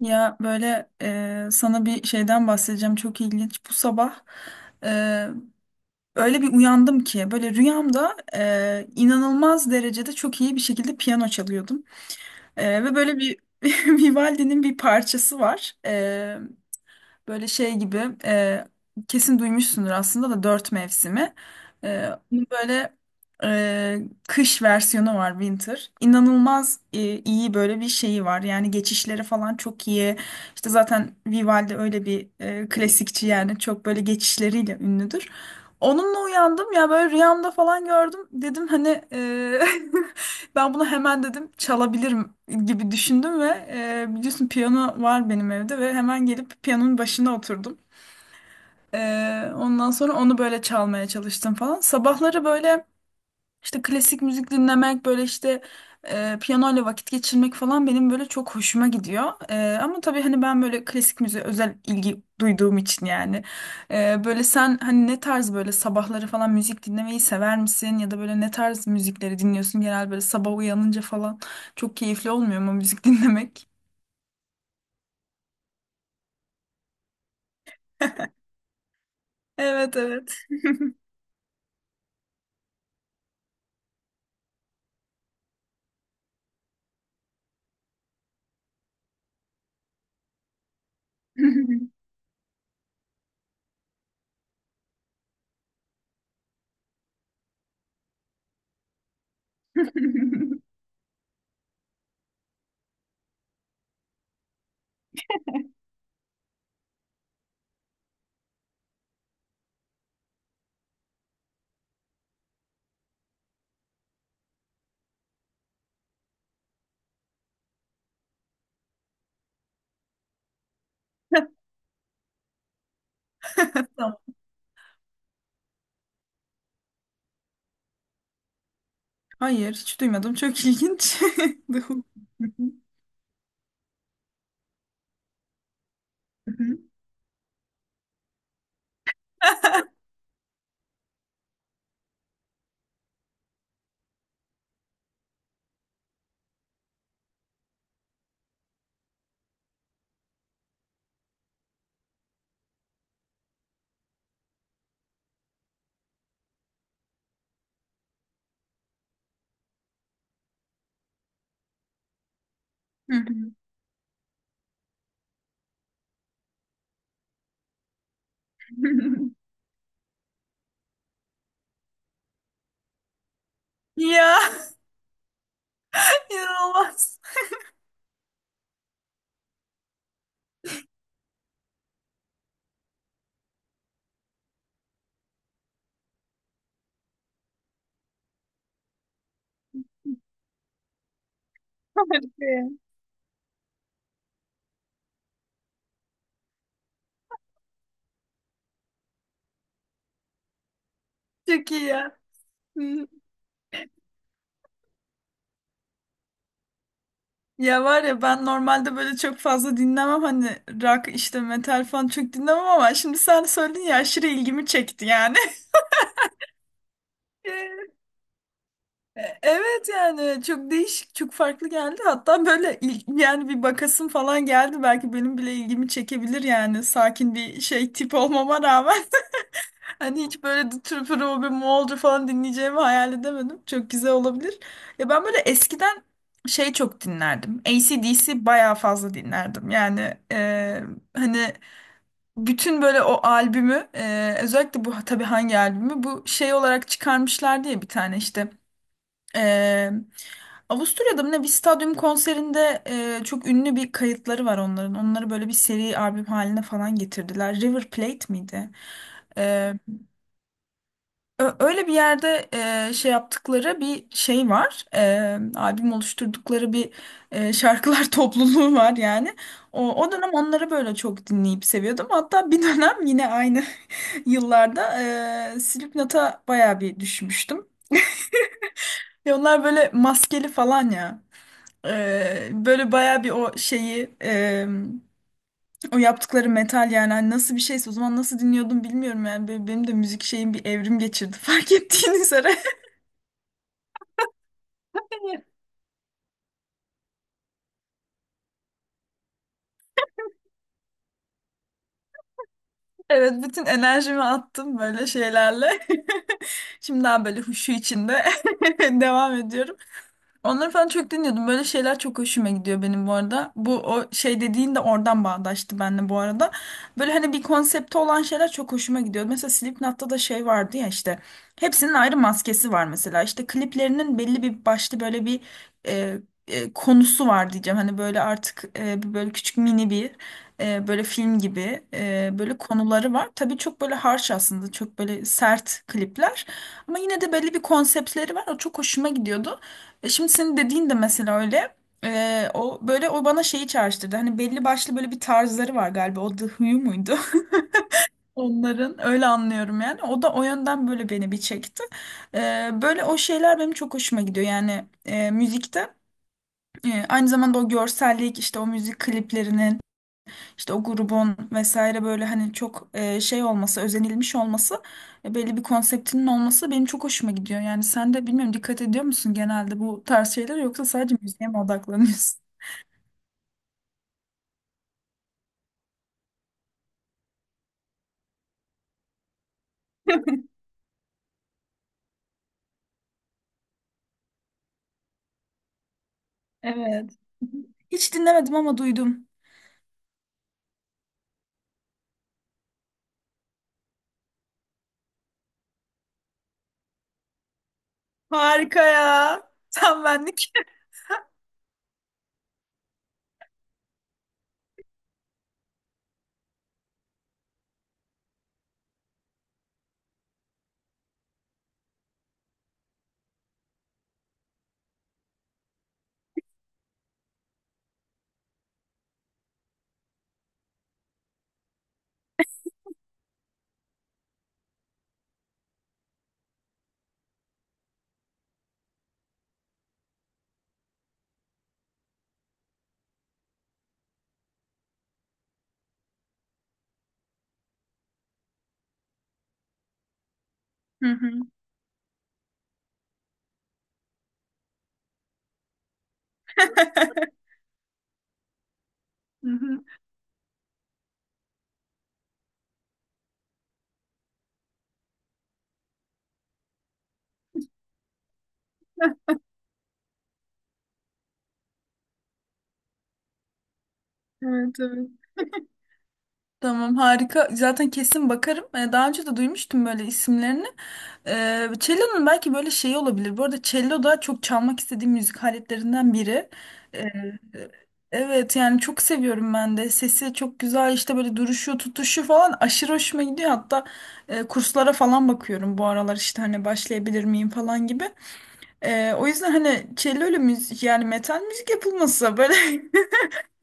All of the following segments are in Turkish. Ya böyle sana bir şeyden bahsedeceğim, çok ilginç. Bu sabah e, öyle bir uyandım ki, böyle rüyamda inanılmaz derecede çok iyi bir şekilde piyano çalıyordum. Ve böyle bir Vivaldi'nin bir parçası var. Böyle şey gibi, kesin duymuşsundur aslında da, dört mevsimi. Bunun böyle e, kış versiyonu var, Winter. İnanılmaz iyi böyle bir şeyi var. Yani geçişleri falan çok iyi. İşte zaten Vivaldi öyle bir klasikçi, yani çok böyle geçişleriyle ünlüdür. Onunla uyandım ya, böyle rüyamda falan gördüm. Dedim hani, ben bunu hemen dedim çalabilirim gibi düşündüm ve biliyorsun piyano var benim evde, ve hemen gelip piyanonun başına oturdum. E, Ondan sonra onu böyle çalmaya çalıştım falan. Sabahları böyle işte klasik müzik dinlemek, böyle işte piyanoyla vakit geçirmek falan benim böyle çok hoşuma gidiyor. Ama tabii hani ben böyle klasik müziğe özel ilgi duyduğum için yani. Böyle sen hani ne tarz böyle sabahları falan müzik dinlemeyi sever misin? Ya da böyle ne tarz müzikleri dinliyorsun? Genel böyle sabah uyanınca falan çok keyifli olmuyor mu müzik dinlemek? Evet, evet. Tamam. Hayır, hiç duymadım, çok ilginç. Hı hı. Hı hı. Ya, inanılmaz. Harika ya. Çok iyi ya. Hı. Ya var ya, ben normalde böyle çok fazla dinlemem hani, rock işte metal falan çok dinlemem, ama şimdi sen söyledin ya, aşırı ilgimi çekti yani. Evet yani, çok değişik, çok farklı geldi, hatta böyle yani bir bakasım falan geldi, belki benim bile ilgimi çekebilir yani, sakin bir şey tip olmama rağmen. Hani hiç böyle tür pürü bir Moğolca falan dinleyeceğimi hayal edemedim. Çok güzel olabilir. Ya ben böyle eskiden şey çok dinlerdim. DC bayağı fazla dinlerdim. Yani, hani bütün böyle o albümü, özellikle bu tabii hangi albümü bu şey olarak çıkarmışlar diye bir tane işte, e, Avusturya'da mı ne bir stadyum konserinde çok ünlü bir kayıtları var onların. Onları böyle bir seri albüm haline falan getirdiler. River Plate miydi? Öyle bir yerde şey yaptıkları bir şey var. Albüm oluşturdukları bir şarkılar topluluğu var yani. O, o dönem onları böyle çok dinleyip seviyordum. Hatta bir dönem yine aynı yıllarda Slipknot'a bayağı bir düşmüştüm. Ve onlar böyle maskeli falan ya. Böyle bayağı bir o şeyi, o yaptıkları metal, yani hani nasıl bir şeyse, o zaman nasıl dinliyordum bilmiyorum yani. Böyle benim de müzik şeyim bir evrim geçirdi, fark ettiğiniz üzere. Evet, bütün enerjimi attım böyle şeylerle. Şimdi daha böyle huşu içinde devam ediyorum. Onları falan çok dinliyordum. Böyle şeyler çok hoşuma gidiyor benim, bu arada. Bu o şey dediğin de oradan bağdaştı benimle, bu arada. Böyle hani bir konsepti olan şeyler çok hoşuma gidiyor. Mesela Slipknot'ta da şey vardı ya işte. Hepsinin ayrı maskesi var mesela. İşte kliplerinin belli bir başlı böyle bir e, konusu var diyeceğim. Hani böyle artık bir böyle küçük mini bir böyle film gibi böyle konuları var. Tabii çok böyle harsh, aslında çok böyle sert klipler, ama yine de belli bir konseptleri var. O çok hoşuma gidiyordu. Şimdi senin dediğin de mesela öyle. O böyle o bana şeyi çağrıştırdı. Hani belli başlı böyle bir tarzları var galiba. O The Who muydu? Onların öyle anlıyorum yani. O da o yönden böyle beni bir çekti. Böyle o şeyler benim çok hoşuma gidiyor. Yani müzikte aynı zamanda o görsellik, işte o müzik kliplerinin, işte o grubun vesaire, böyle hani çok şey olması, özenilmiş olması, belli bir konseptinin olması benim çok hoşuma gidiyor. Yani sen de bilmiyorum, dikkat ediyor musun genelde bu tarz şeyler, yoksa sadece müziğe mi odaklanıyorsun? Evet. Hiç dinlemedim ama duydum. Harika ya. Tam benlik. Hı hı. Hı hı. Evet, evet. Tamam, harika. Zaten kesin bakarım. Daha önce de duymuştum böyle isimlerini. Cello'nun belki böyle şeyi olabilir. Bu arada cello da çok çalmak istediğim müzik aletlerinden biri. Ee, evet yani çok seviyorum ben de. Sesi çok güzel, işte böyle duruşu, tutuşu falan aşırı hoşuma gidiyor. Hatta kurslara falan bakıyorum bu aralar, işte hani başlayabilir miyim falan gibi. O yüzden hani cello ile müzik, yani metal müzik yapılması böyle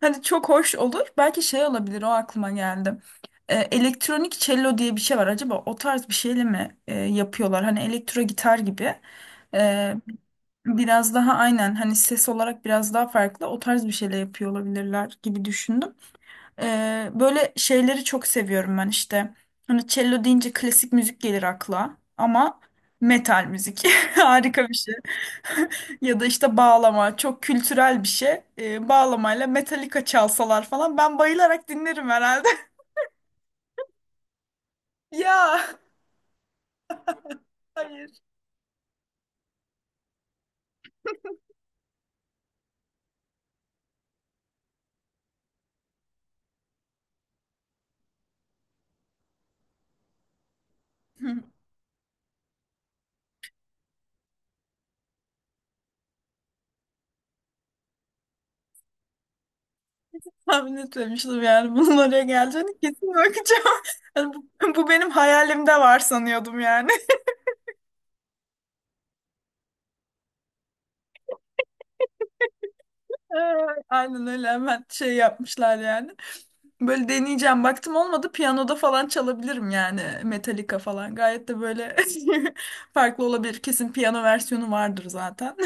hani çok hoş olur. Belki şey olabilir, o aklıma geldi. Elektronik cello diye bir şey var. Acaba o tarz bir şeyle mi yapıyorlar? Hani elektro gitar gibi. Ee, Biraz daha aynen hani ses olarak biraz daha farklı, o tarz bir şeyle yapıyor olabilirler gibi düşündüm. Böyle şeyleri çok seviyorum ben işte. Hani cello deyince klasik müzik gelir akla, ama metal müzik harika bir şey. Ya da işte bağlama çok kültürel bir şey. Bağlamayla Metallica çalsalar falan ben bayılarak dinlerim herhalde. Ya, hayır. Hı, tahmin etmemiştim yani bunun oraya geleceğini, kesin bakacağım. Yani bu, bu benim hayalimde var sanıyordum yani. Ee, Aynen öyle, hemen şey yapmışlar yani. Böyle deneyeceğim. Baktım olmadı. Piyanoda falan çalabilirim yani. Metallica falan. Gayet de böyle farklı olabilir. Kesin piyano versiyonu vardır zaten.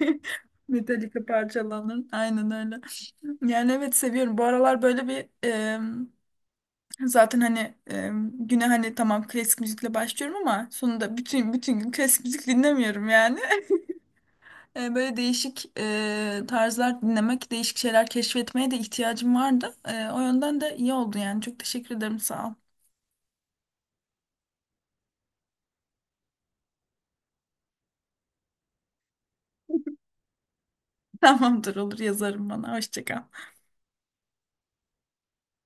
Metallica parçalarının. Aynen öyle. Yani evet, seviyorum. Bu aralar böyle bir zaten hani güne hani, tamam, klasik müzikle başlıyorum ama sonunda bütün gün klasik müzik dinlemiyorum yani. Böyle değişik tarzlar dinlemek, değişik şeyler keşfetmeye de ihtiyacım vardı. O yönden de iyi oldu yani. Çok teşekkür ederim, sağ ol. Tamamdır, olur, yazarım bana. Hoşça kal.